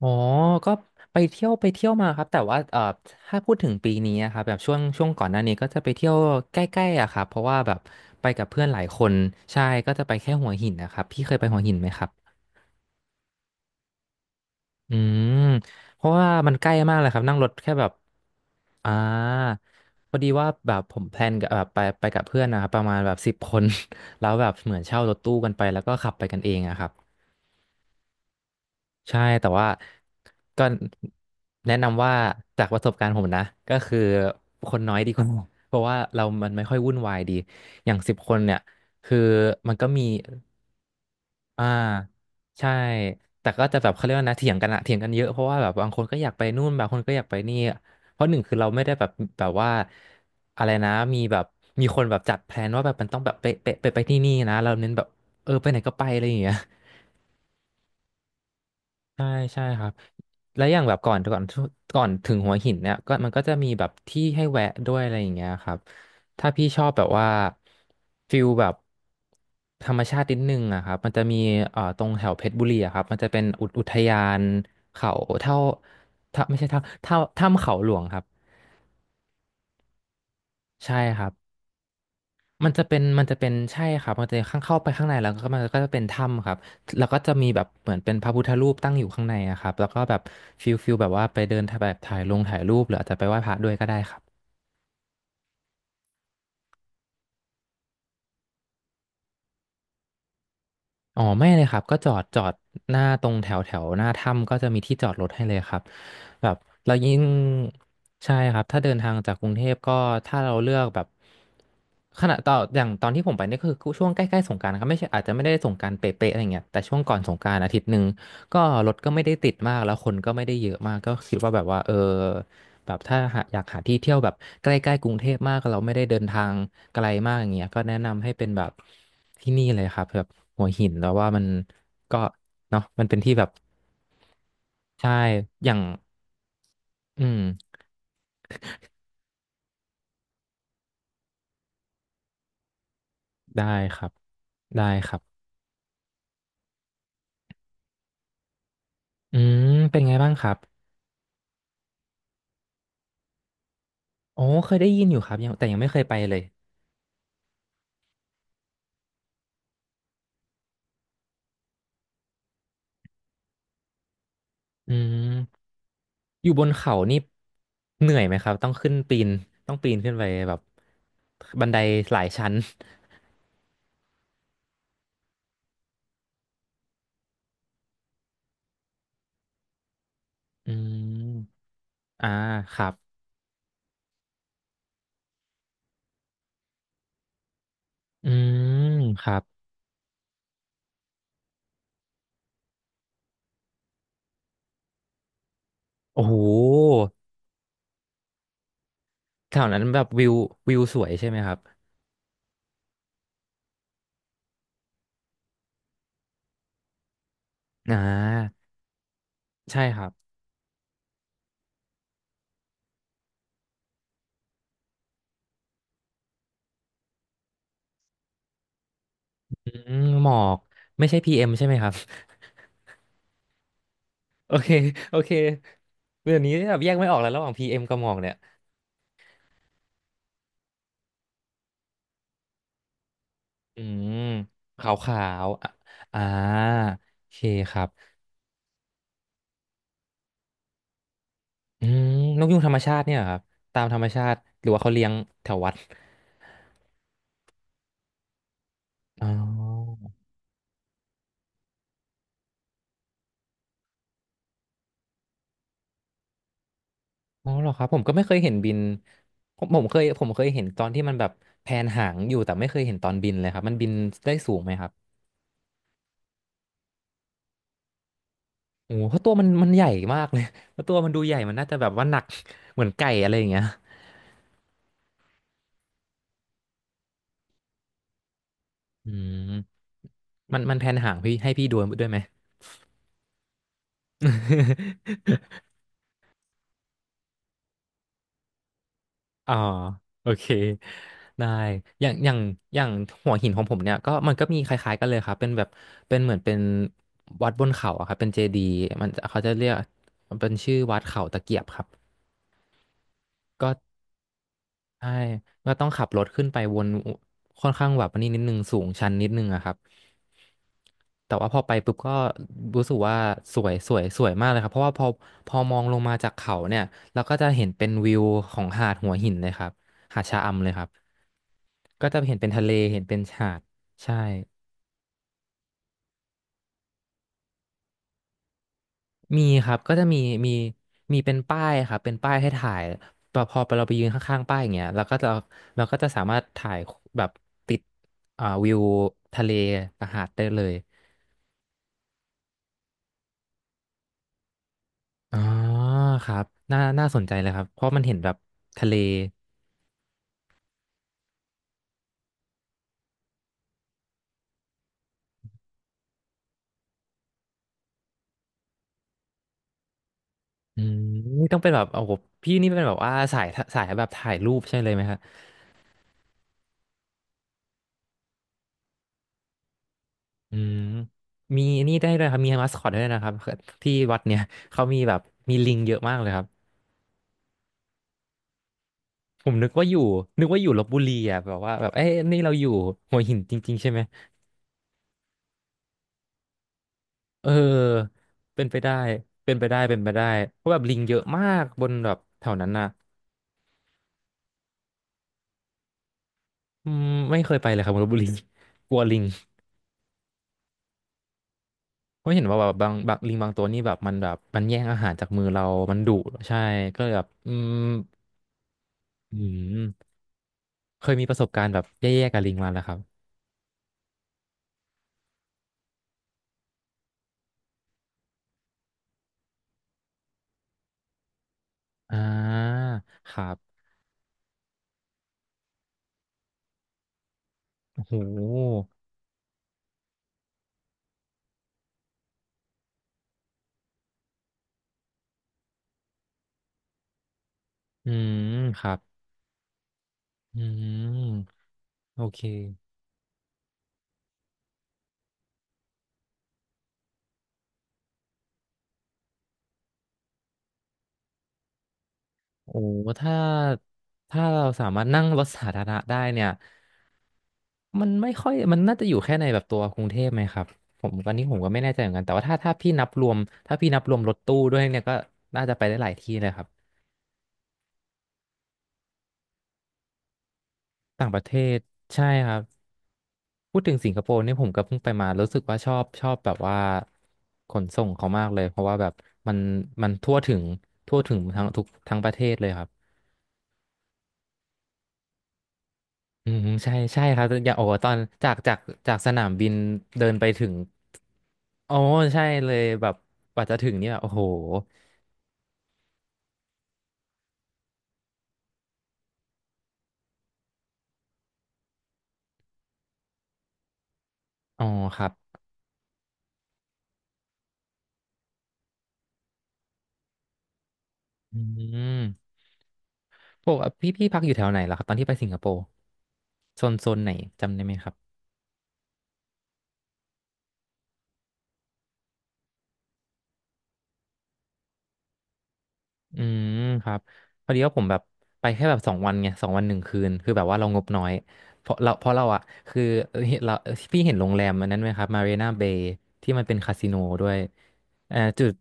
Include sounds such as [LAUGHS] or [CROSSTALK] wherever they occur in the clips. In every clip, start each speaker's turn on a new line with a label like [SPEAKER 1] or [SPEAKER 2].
[SPEAKER 1] อ๋อก็ไปเที่ยวมาครับ แต่ว่าถ้าพูดถึงปีนี้อะครับแบบช่วงก่อนหน้านี้ก็จะไปเที่ยวใกล้ๆอะครับ เพราะว่าแบบไปกับเพื่อนหลายคนใช่ก็จะไปแค่หัวหินนะครับ พี่เคยไปหัวหินไหมครับอืมเพราะว่ามันใกล้มากเลยครับนั่งรถแค่แบบ อ่าพอดีว่าแบบผมแพลนกับแบบไปกับเพื่อนนะครับประมาณแบบสิบคน [LAUGHS] แล้วแบบเหมือนเช่ารถตู้กันไปแล้วก็ขับไปกันเองอะครับ ใช่แต่ว่าก็แนะนำว่าจากประสบการณ์ผมนะก็คือคนน้อยดีกว่า [LAUGHS] เพราะว่าเรามันไม่ค่อยวุ่นวายดีอย่างสิบคนเนี่ยคือมันก็มีอ่าใช่แต่ก็จะแบบเขาเรียกว่านะเถียงกันอะเถียงกันเยอะเพราะว่าแบบบางคนก็อยากไปนู่นบางคนก็อยากไปนี่เพราะหนึ่งคือเราไม่ได้แบบแบบว่าอะไรนะมีแบบมีคนแบบจัดแพลนว่าแบบมันต้องแบบไปที่นี่นะเราเน้นแบบเออไปไหนก็ไปอะไรอย่างเงี้ย ใช่ใช่ครับและอย่างแบบก่อนถึงหัวหินเนี่ยก็มันก็จะมีแบบที่ให้แวะด้วยอะไรอย่างเงี้ยครับถ้าพี่ชอบแบบว่าฟิลแบบธรรมชาตินิดนึงอะครับมันจะมีตรงแถวเพชรบุรีอะครับมันจะเป็นอุทยานเขาเท่าถ้าไม่ใช่ถ้าถ้าถ้ำเขาหลวงครับใช่ครับ มันจะเป็นใช่ครับมันจะข้างเข้าไปข้างในแล้วก็มันก็จะเป็นถ้ำครับแล้วก็จะมีแบบเหมือนเป็นพระพุทธรูปตั้งอยู่ข้างในอะครับแล้วก็แบบฟิลแบบว่าไปเดินถ่ายแบบถ่ายลงถ่ายรูปหรืออาจจะไปไหว้พระด้วยก็ได้ครับอ๋อไม่เลยครับก็จอดหน้าตรงแถวแถวหน้าถ้ำก็จะมีที่จอดรถให้เลยครับ แบบเรายิ่งใช่ครับถ้าเดินทางจากกรุงเทพก็ถ้าเราเลือกแบบขณะต่ออย่างตอนที่ผมไปนี่คือช่วงใกล้ๆสงกรานต์นะครับไม่ใช่อาจจะไม่ได้สงกรานต์เป๊ะๆอะไรเงี้ยแต่ช่วงก่อนสงกรานต์อาทิตย์หนึ่งก็รถก็ไม่ได้ติดมากแล้วคนก็ไม่ได้เยอะมากก็คิดว่าแบบว่าเออแบบถ้าหาอยากหาที่เที่ยวแบบใกล้ๆกรุงเทพมากเราไม่ได้เดินทางไกลมากอย่างเงี้ยก็แนะนำให้เป็นแบบที่นี่เลยครับแบบหัวหินแล้วว่ามันก็เนาะมันเป็นที่แบบใช่อย่าง อืมได้ครับได้ครับอืมเป็นไงบ้างครับอ๋อเคยได้ยินอยู่ครับยังแต่ยังไม่เคยไปเลยอืมอยู่บนเขานี่เหนื่อยไหมครับต้องขึ้นปีนต้องปีนขึ้นไปแบบบันไดหลายชั้นอืมอ่าครับอืมครับโอ้โหแถวนั้นแบบวิววิวสวยใช่ไหมครับอ่าใช่ครับอืมหมอกไม่ใช่พีเอ็มใช่ไหมครับ [LAUGHS] โอเคโอเคเดี๋ยวนี้แบบแยกไม่ออกแล้วระหว่างพีเอ็มกับหมอกเนี่ย อืมขาวขาวอ่ะอ่าโอเคครับอืมนกยูงธรรมชาติเนี่ยเหรอครับตามธรรมชาติหรือว่าเขาเลี้ยงแถววัดอ๋ออ๋อเหรอครับผมก็ไม่เคยเห็นบินผมเคยเห็นตอนที่มันแบบแผนหางอยู่แต่ไม่เคยเห็นตอนบินเลยครับมันบินได้สูงไหมครับโอ้โหเพราะตัวมันใหญ่มากเลย [LAUGHS] เพราะตัวมันดูใหญ่มันน่าจะแบบว่าหนักเหมือนไก่อะไรอย่างเงี้ยอืมมันแผนหางพี่ให้พี่ดูด้วยไหม [LAUGHS] อ๋อโอเคได้อย่างอย่างอย่างหัวหินของผมเนี่ยก็มันก็มีคล้ายๆกันเลยครับเป็นแบบเป็นเหมือนเป็นวัดบนเขาอะครับเป็นเจดีย์มันเขาจะเรียกมันเป็นชื่อวัดเขาตะเกียบครับ ใช่ก็ต้องขับรถขึ้นไปวนค่อนข้างแบบอันนี้นิดนึงสูงชันนิดนึงอะครับแต่ว่าพอไปปุ๊บก็รู้สึกว่าสวยสวยสวยมากเลยครับเพราะว่าพอมองลงมาจากเขาเนี่ยเราก็จะเห็นเป็นวิวของหาดหัวหินเลยครับหาดชะอำเลยครับก็จะเห็นเป็นทะเลเห็นเป็นหาดใช่ มีครับก็จะมีมีมีเป็นป้ายครับเป็นป้ายให้ถ่ายพอพอเราไปยืนข้างๆป้ายอย่างเงี้ยเราก็จะสามารถถ่ายแบบติดวิวทะเลกับหาดได้เลยอ๋อครับน่าสนใจเลยครับเพราะมันเห็นแบบทะเลอืมนี่ต้องเป็นแบบโอ้โหพี่นี่เป็นแบบว่าสายสายแบบถ่ายรูปใช่เลยไหมครับอืมมีนี่ได้ด้วยครับมีมาสคอตด้วยนะครับที่วัดเนี่ยเขามีแบบมีลิงเยอะมากเลยครับ ผมนึกว่าอยู่นึกว่าอยู่ลพบุรีอ่ะแบบว่าแบบเอ้ยนี่เราอยู่หัวหินจริงๆใช่ไหมเออเป็นไปได้เป็นไปได้เป็นไปได้เพราะแบบลิงเยอะมากบนแบบแถวนั้นน่ะอืมไม่เคยไปเลยครับลพบุรี [LAUGHS] กลัวลิงเพราะเห็นว่าแบบบางลิงบางตัวนี่แบบมันแย่งอาหารจากมือเรามันดุใช่ก็เลยแบบอืมอืมเคยมีประสบการณ์แบบแย่ๆกับลิงมาแล้วครับอ่าครับโอ้โหอืมครับอืมโอเค โอ้ถ้า ถ้าเราสามารถนั่งรถสาธารณะได้เนี่ยมันไม่ค่อยมันน่าจะอยู่แค่ในแบบตัวกรุงเทพไหมครับผมตอนนี้ผมก็ไม่แน่ใจเหมือนกันแต่ว่าถ้าพี่นับรวมถ้าพี่นับรวมรถตู้ด้วยเนี่ยก็น่าจะไปได้หลายที่เลยครับต่างประเทศใช่ครับพูดถึงสิงคโปร์เนี่ยผมก็เพิ่งไปมา รู้สึกว่าชอบแบบว่าขนส่งเขามากเลยเพราะว่าแบบมันมันทั่วถึงทั้งทุกทั้งประเทศเลยครับ อืมใช่ใช่ครับอย่างโอ้ตอนจากจากสนามบินเดินไปถึงโอ้ใช่เลยแบบกว่าจะถึงเนี่ยโอ้โหอ๋อครับอืมปกติพี่พักอยู่แถวไหนล่ะครับตอนที่ไปสิงคโปร์โซนไหนจำได้ไหมครับ อืมครับพอดีว่าผมแบบไปแค่แบบสองวันไง2 วัน 1 คืนคือแบบว่าเรางบน้อยเพราะเราอะคือเราพี่เห็นโรงแรมอันนั้นไหมครับมารีนาเบย์ที่มันเป็นคาสิโนด้วยอ่าจุด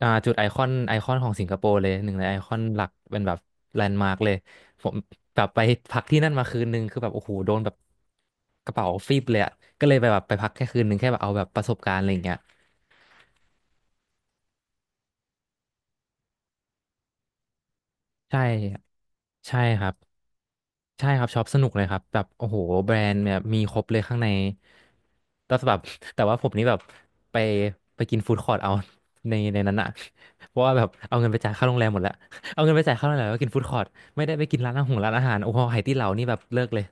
[SPEAKER 1] อ่าจุดไอคอนของสิงคโปร์เลยหนึ่งในไอคอนหลักเป็นแบบแลนด์มาร์กเลยผมแบบไปพักที่นั่นมาคืนนึงคือแบบโอ้โหโดนแบบกระเป๋าฟีบเลยอะก็เลยไปแบบไปพักแค่คืนนึงแค่แบบเอาแบบประสบการณ์อะไรอย่างเงี้ยใช่ใช่ครับ ใช่ครับช็อปสนุกเลยครับแบบโอ้โหแบรนด์แบบมีครบเลยข้างในแต่แบบ [LAUGHS] แต่ว่าผมนี่แบบไปไปกินฟู้ดคอร์ทเอา [LAUGHS] ในนั้นอะเพราะว่าแบบเอาเงินไปจ่ายค่าโรงแรมหมดแล้ว [LAUGHS] เอาเงินไปจ่ายค่าโรงแรมแล้วก็กินฟู้ดคอร์ทไม่ได้ไปกินร้านอาหารโอ้โหไหตี้เหลานี่แบบเลิกเลย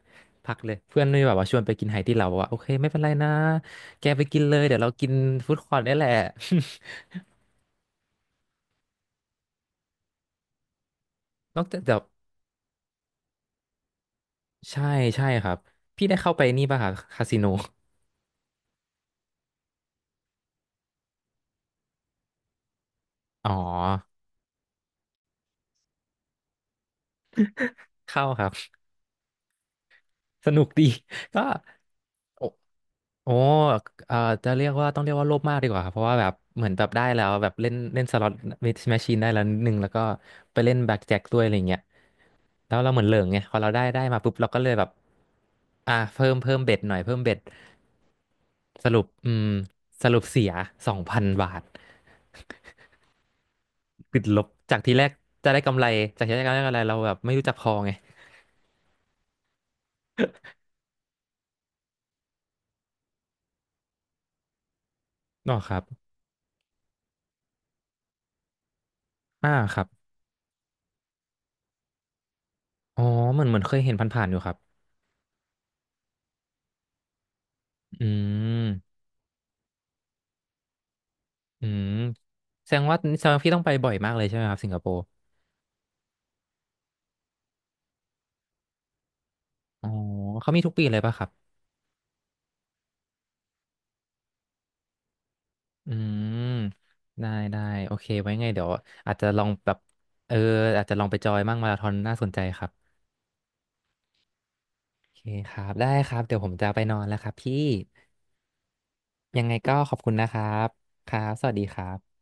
[SPEAKER 1] พักเลยเพื่อนนี่แบบว่าชวนไปกินไหตี้เหลาบอกว่าโอเคไม่เป็นไรนะแกไปกินเลยเดี๋ยวเรากินฟู้ดคอร์ทได้แหละ [LAUGHS] นอกจากแบบใช่ใช่ครับพี่ได้เข้าไปนี่ป่ะครับคาสิโนอ๋อเข้าครับ สนุกดี [LAUGHS] ก็โอโอ้เอ่อจะเรียกว่าต้องเรียกว่าโลภมากดีกว่าครับเพราะว่าแบบเหมือนแบบได้แล้วแบบเล่นเล่นสล็อตแมชชีนได้แล้วนิดนึงแล้วก็ไปเล่นแบล็กแจ็คด้วยอะไรเงี้ยแล้วเราเหมือนเหลิงไงพอเราได้มาปุ๊บเราก็เลยแบบอ่าเพิ่มเบ็ดหน่อยเพิ่มเบ็ดสรุปอืมสรุปเสีย2,000 บาทติดลบจากที่แรกจะได้กำไรจากที่แรกจะได้กำไรเราแบบไม่รู้จักพอไงอ๋อครับอ่าครับอ๋อเหมือนเคยเห็นผ่านๆอยู่ครับอืม อืมแสดงว่าพี่ต้องไปบ่อยมากเลยใช่ไหมครับสิงคโปร์อ๋อเขามีทุกปีเลยป่ะครับอืมได้ได้โอเคไว้ไงเดี๋ยวอาจจะลองแบบเอออาจจะลองไปจอยมั่งมาราธอนน่าสนใจครับโอเคครับได้ครับเดี๋ยวผมจะไปนอนแล้วครับพี่ยังไงก็ขอบคุณนะครับครับสวัสดีครับ